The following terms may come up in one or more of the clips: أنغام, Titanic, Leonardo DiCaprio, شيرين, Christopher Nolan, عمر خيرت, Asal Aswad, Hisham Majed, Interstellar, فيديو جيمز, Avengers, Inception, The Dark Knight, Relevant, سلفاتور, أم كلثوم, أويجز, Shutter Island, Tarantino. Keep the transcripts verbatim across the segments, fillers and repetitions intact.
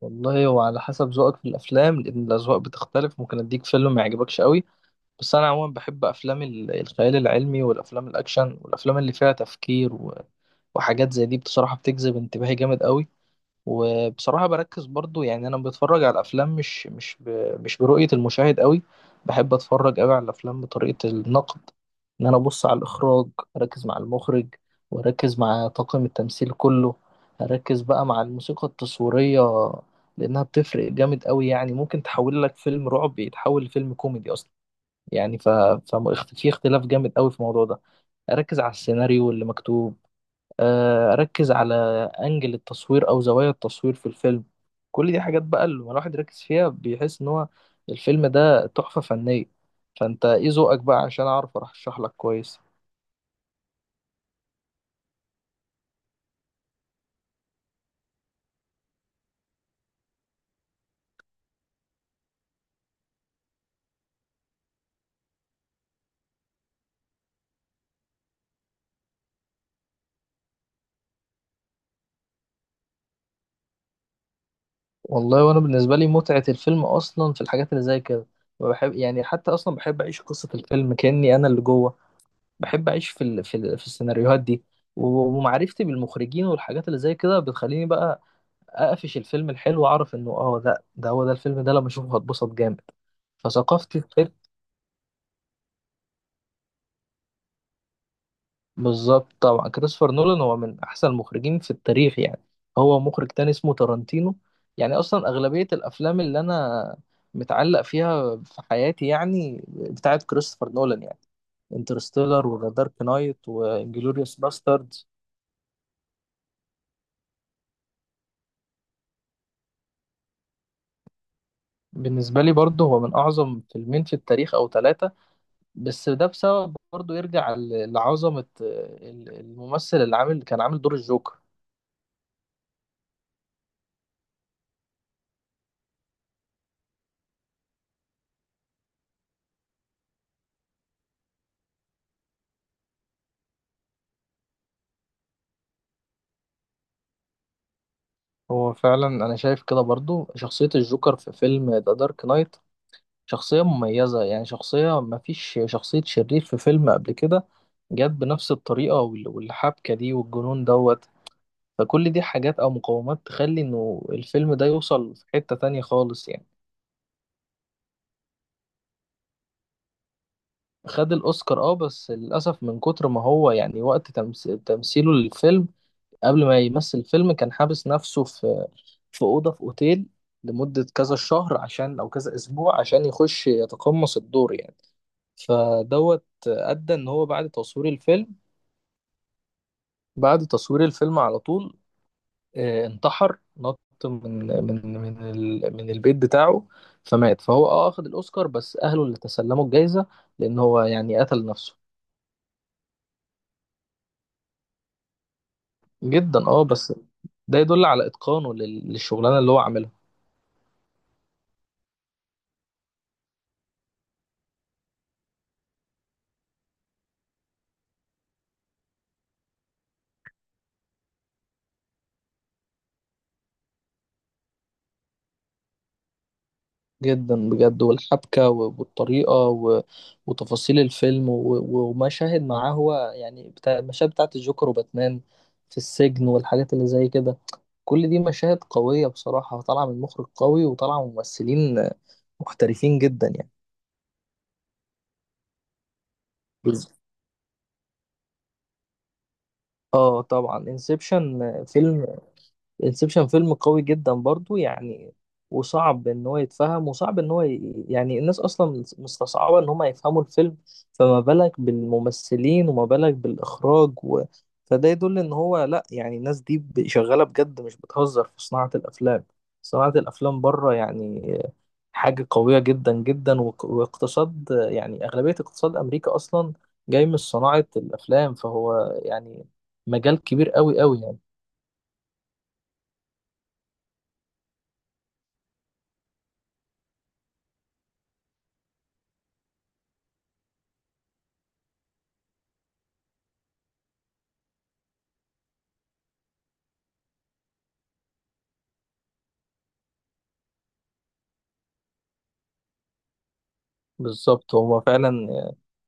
والله هو على حسب ذوقك في الافلام، لان الاذواق بتختلف. ممكن اديك فيلم ما يعجبكش قوي. بس انا عموما بحب افلام ال- الخيال العلمي، والافلام الاكشن، والافلام اللي فيها تفكير و- وحاجات زي دي، بصراحة بتجذب انتباهي جامد قوي. وبصراحة بركز برضو يعني أنا بتفرج على الأفلام مش مش ب... مش برؤية المشاهد قوي. بحب أتفرج قوي على الأفلام بطريقة النقد، إن أنا أبص على الإخراج، أركز مع المخرج، وأركز مع طاقم التمثيل كله، أركز بقى مع الموسيقى التصويرية، لأنها بتفرق جامد قوي يعني. ممكن تحول لك فيلم رعب يتحول لفيلم كوميدي أصلا، يعني ف... ف... في اختلاف جامد قوي في الموضوع ده. أركز على السيناريو اللي مكتوب، آه، اركز على انجل التصوير او زوايا التصوير في الفيلم. كل دي حاجات بقى لما الواحد يركز فيها بيحس ان هو الفيلم ده تحفة فنية. فانت ايه ذوقك بقى عشان اعرف ارشح لك كويس؟ والله وانا بالنسبة لي متعة الفيلم اصلا في الحاجات اللي زي كده. بحب يعني حتى اصلا بحب اعيش قصة الفيلم كأني انا اللي جوه. بحب اعيش في ال... في, ال... في السيناريوهات دي. ومعرفتي بالمخرجين والحاجات اللي زي كده بتخليني بقى اقفش الفيلم الحلو، اعرف انه اه ده ده هو ده الفيلم ده لما اشوفه هتبسط جامد. فثقافة الفيلم. بالظبط، طبعا كريستوفر نولان هو من احسن المخرجين في التاريخ يعني. هو مخرج تاني اسمه تارانتينو. يعني اصلا اغلبية الافلام اللي انا متعلق فيها في حياتي يعني بتاعت كريستوفر نولان، يعني انترستيلر، وذا دارك نايت، وانجلوريوس باستردز. بالنسبة لي برضه هو من اعظم فيلمين في التاريخ او ثلاثة. بس ده بسبب برضه يرجع ل- لعظمة ال- الممثل اللي عامل كان عامل دور الجوكر. هو فعلا أنا شايف كده برضه شخصية الجوكر في فيلم ذا دارك نايت شخصية مميزة، يعني شخصية، مفيش شخصية شرير في فيلم قبل كده جت بنفس الطريقة وال- والحبكة دي والجنون دوت. فكل دي حاجات أو مقومات تخلي إنه الفيلم ده يوصل في حتة تانية خالص يعني. خد الأوسكار، اه بس للأسف من كتر ما هو يعني وقت تمس- تمثيله للفيلم، قبل ما يمثل فيلم كان حابس نفسه في في أوضة في أوتيل لمدة كذا شهر، عشان أو كذا أسبوع، عشان يخش يتقمص الدور يعني. فدوت أدى إن هو بعد تصوير الفيلم بعد تصوير الفيلم على طول، آه، انتحر، نط من من من ال- من البيت بتاعه. فمات، فهو اه اخد الأوسكار بس أهله اللي تسلموا الجايزة، لأن هو يعني قتل نفسه. جدا اه بس ده يدل على إتقانه لل- للشغلانة اللي هو عملها. جدا بجد. والحبكة و- والطريقة و... وتفاصيل الفيلم و... و- ومشاهد معاه هو يعني بتاع المشاهد بتاعت الجوكر وباتمان في السجن والحاجات اللي زي كده، كل دي مشاهد قوية بصراحة طالعة من مخرج قوي وطالعة من ممثلين محترفين جدا يعني. بز- اه طبعا، انسبشن فيلم. انسبشن فيلم قوي جدا برضو يعني، وصعب ان هو يتفهم، وصعب ان هو ي... يعني الناس اصلا مستصعبة ان هم يفهموا الفيلم، فما بالك بالممثلين، وما بالك بالاخراج و... فده يدل ان هو لا، يعني الناس دي ب- شغالة بجد، مش بتهزر في صناعة الافلام. صناعة الافلام بره يعني حاجة قوية جدا جدا، وك- واقتصاد يعني اغلبية اقتصاد امريكا اصلا جاي من صناعة الافلام، فهو يعني مجال كبير قوي قوي يعني. بالظبط، هو فعلا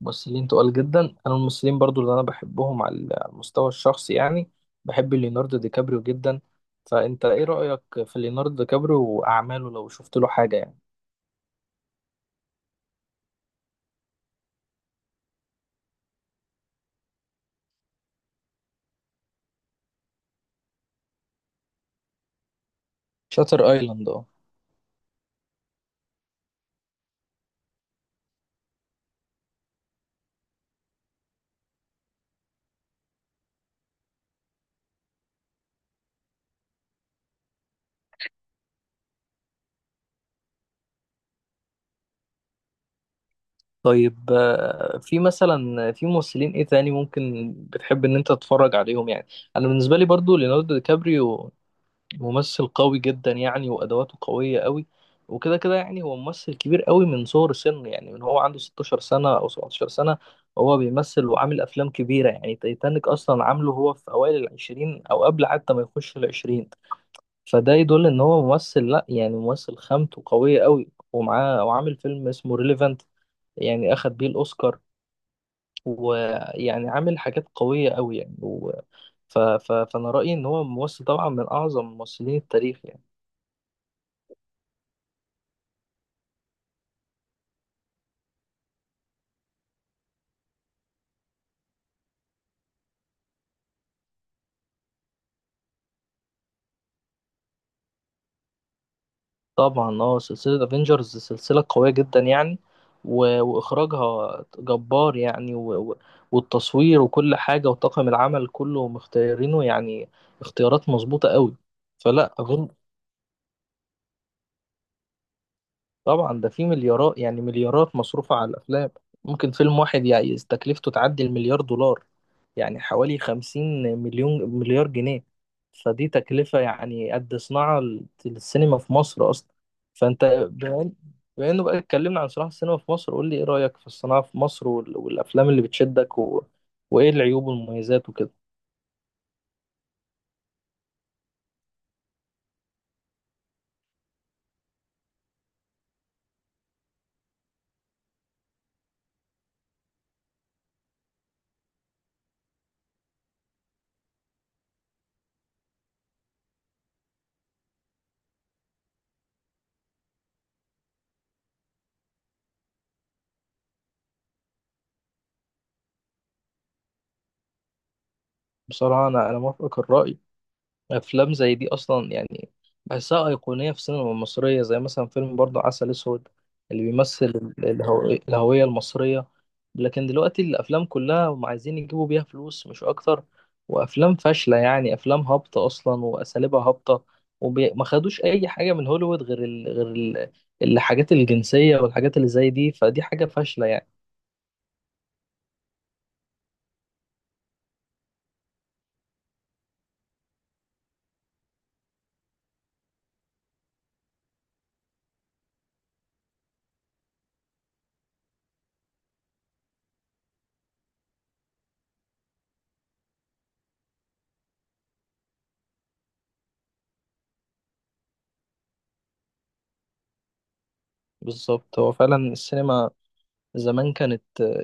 ممثلين تقال جدا. انا الممثلين برضو اللي انا بحبهم على المستوى الشخصي يعني، بحب ليوناردو دي كابريو جدا. فانت ايه رأيك في ليوناردو دي كابريو واعماله لو شفت له حاجة يعني؟ شاتر ايلاند، اه. طيب، آه، في مثلا في ممثلين ايه تاني ممكن بتحب ان انت تتفرج عليهم يعني؟ انا بالنسبة لي برضو ليوناردو دي كابريو ممثل قوي جدا يعني، وادواته قويه قوي. وكده كده يعني هو ممثل كبير قوي من صغر سنه، يعني من هو عنده ست عشرة سنه او سبعتاشر سنه هو بيمثل، وعامل افلام كبيره يعني تايتانيك اصلا عامله هو في اوائل العشرين او قبل حتى ما يخش العشرين. فده يدل ان هو ممثل، لا يعني ممثل خامته قويه قوي. ومعاه وعامل فيلم اسمه ريليفانت، يعني اخد بيه الاوسكار. ويعني عامل حاجات قويه قوي يعني و... ف... ف... فانا رايي ان هو ممثل طبعا من اعظم ممثلين التاريخ يعني. طبعا اه سلسلة افنجرز سلسلة قوية جدا يعني و... واخراجها جبار يعني و... و... والتصوير وكل حاجة وطاقم العمل كله مختارينه يعني، اختيارات مظبوطة قوي. فلا أظن. طبعا ده في مليارات، يعني مليارات مصروفة على الافلام، ممكن فيلم واحد يعني تكلفته تعدي المليار دولار، يعني حوالي خمسين مليون مليار جنيه، فدي تكلفة يعني قد صناعة السينما في مصر أصلا. فأنت، بما إن- بما إنه بقى اتكلمنا عن صناعة السينما في مصر، قول لي إيه رأيك في الصناعة في مصر وال- والأفلام اللي بتشدك و... وإيه العيوب والمميزات وكده؟ بصراحة أنا أنا موافقك الرأي. افلام زي دي اصلا يعني بحسها ايقونيه في السينما المصريه، زي مثلا فيلم برضو عسل اسود، اللي بيمثل ال- الهو- الهويه المصريه. لكن دلوقتي الافلام كلها هم عايزين يجيبوا بيها فلوس مش اكتر، وافلام فاشله يعني، افلام هابطه اصلا واساليبها هابطه، وما خدوش اي حاجه من هوليوود غير ال... غير ال... الحاجات الجنسيه والحاجات اللي زي دي، فدي حاجه فاشله يعني. بالظبط، هو فعلا السينما زمان كانت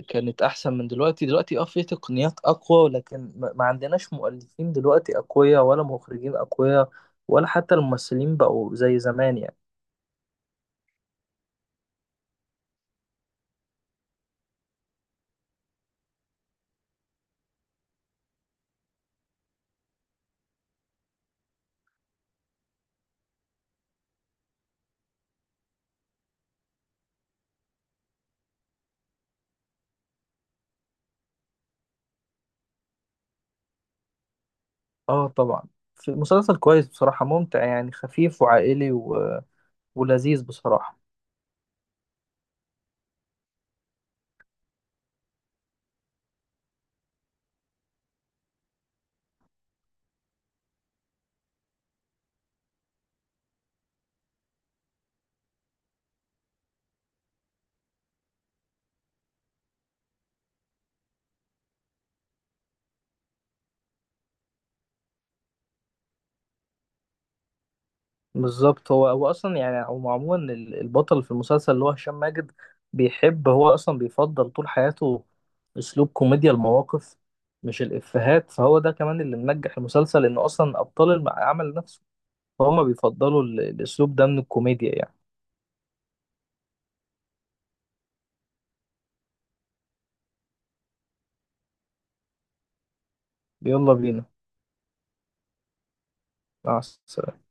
كانت احسن من دلوقتي. دلوقتي اه في تقنيات اقوى، ولكن ما ما عندناش مؤلفين دلوقتي اقوياء، ولا مخرجين اقوياء، ولا حتى الممثلين بقوا زي زمان يعني. اه طبعا، في مسلسل كويس بصراحة، ممتع يعني خفيف وعائلي و... ولذيذ بصراحة. بالظبط، هو هو اصلا يعني هو عموما ال- البطل في المسلسل اللي هو هشام ماجد، بيحب هو اصلا بيفضل طول حياته اسلوب كوميديا المواقف مش الافيهات، فهو ده كمان اللي منجح المسلسل، انه اصلا ابطال العمل نفسه فهم بيفضلوا ال- الاسلوب ده من الكوميديا يعني. يلا بينا. مع السلامة.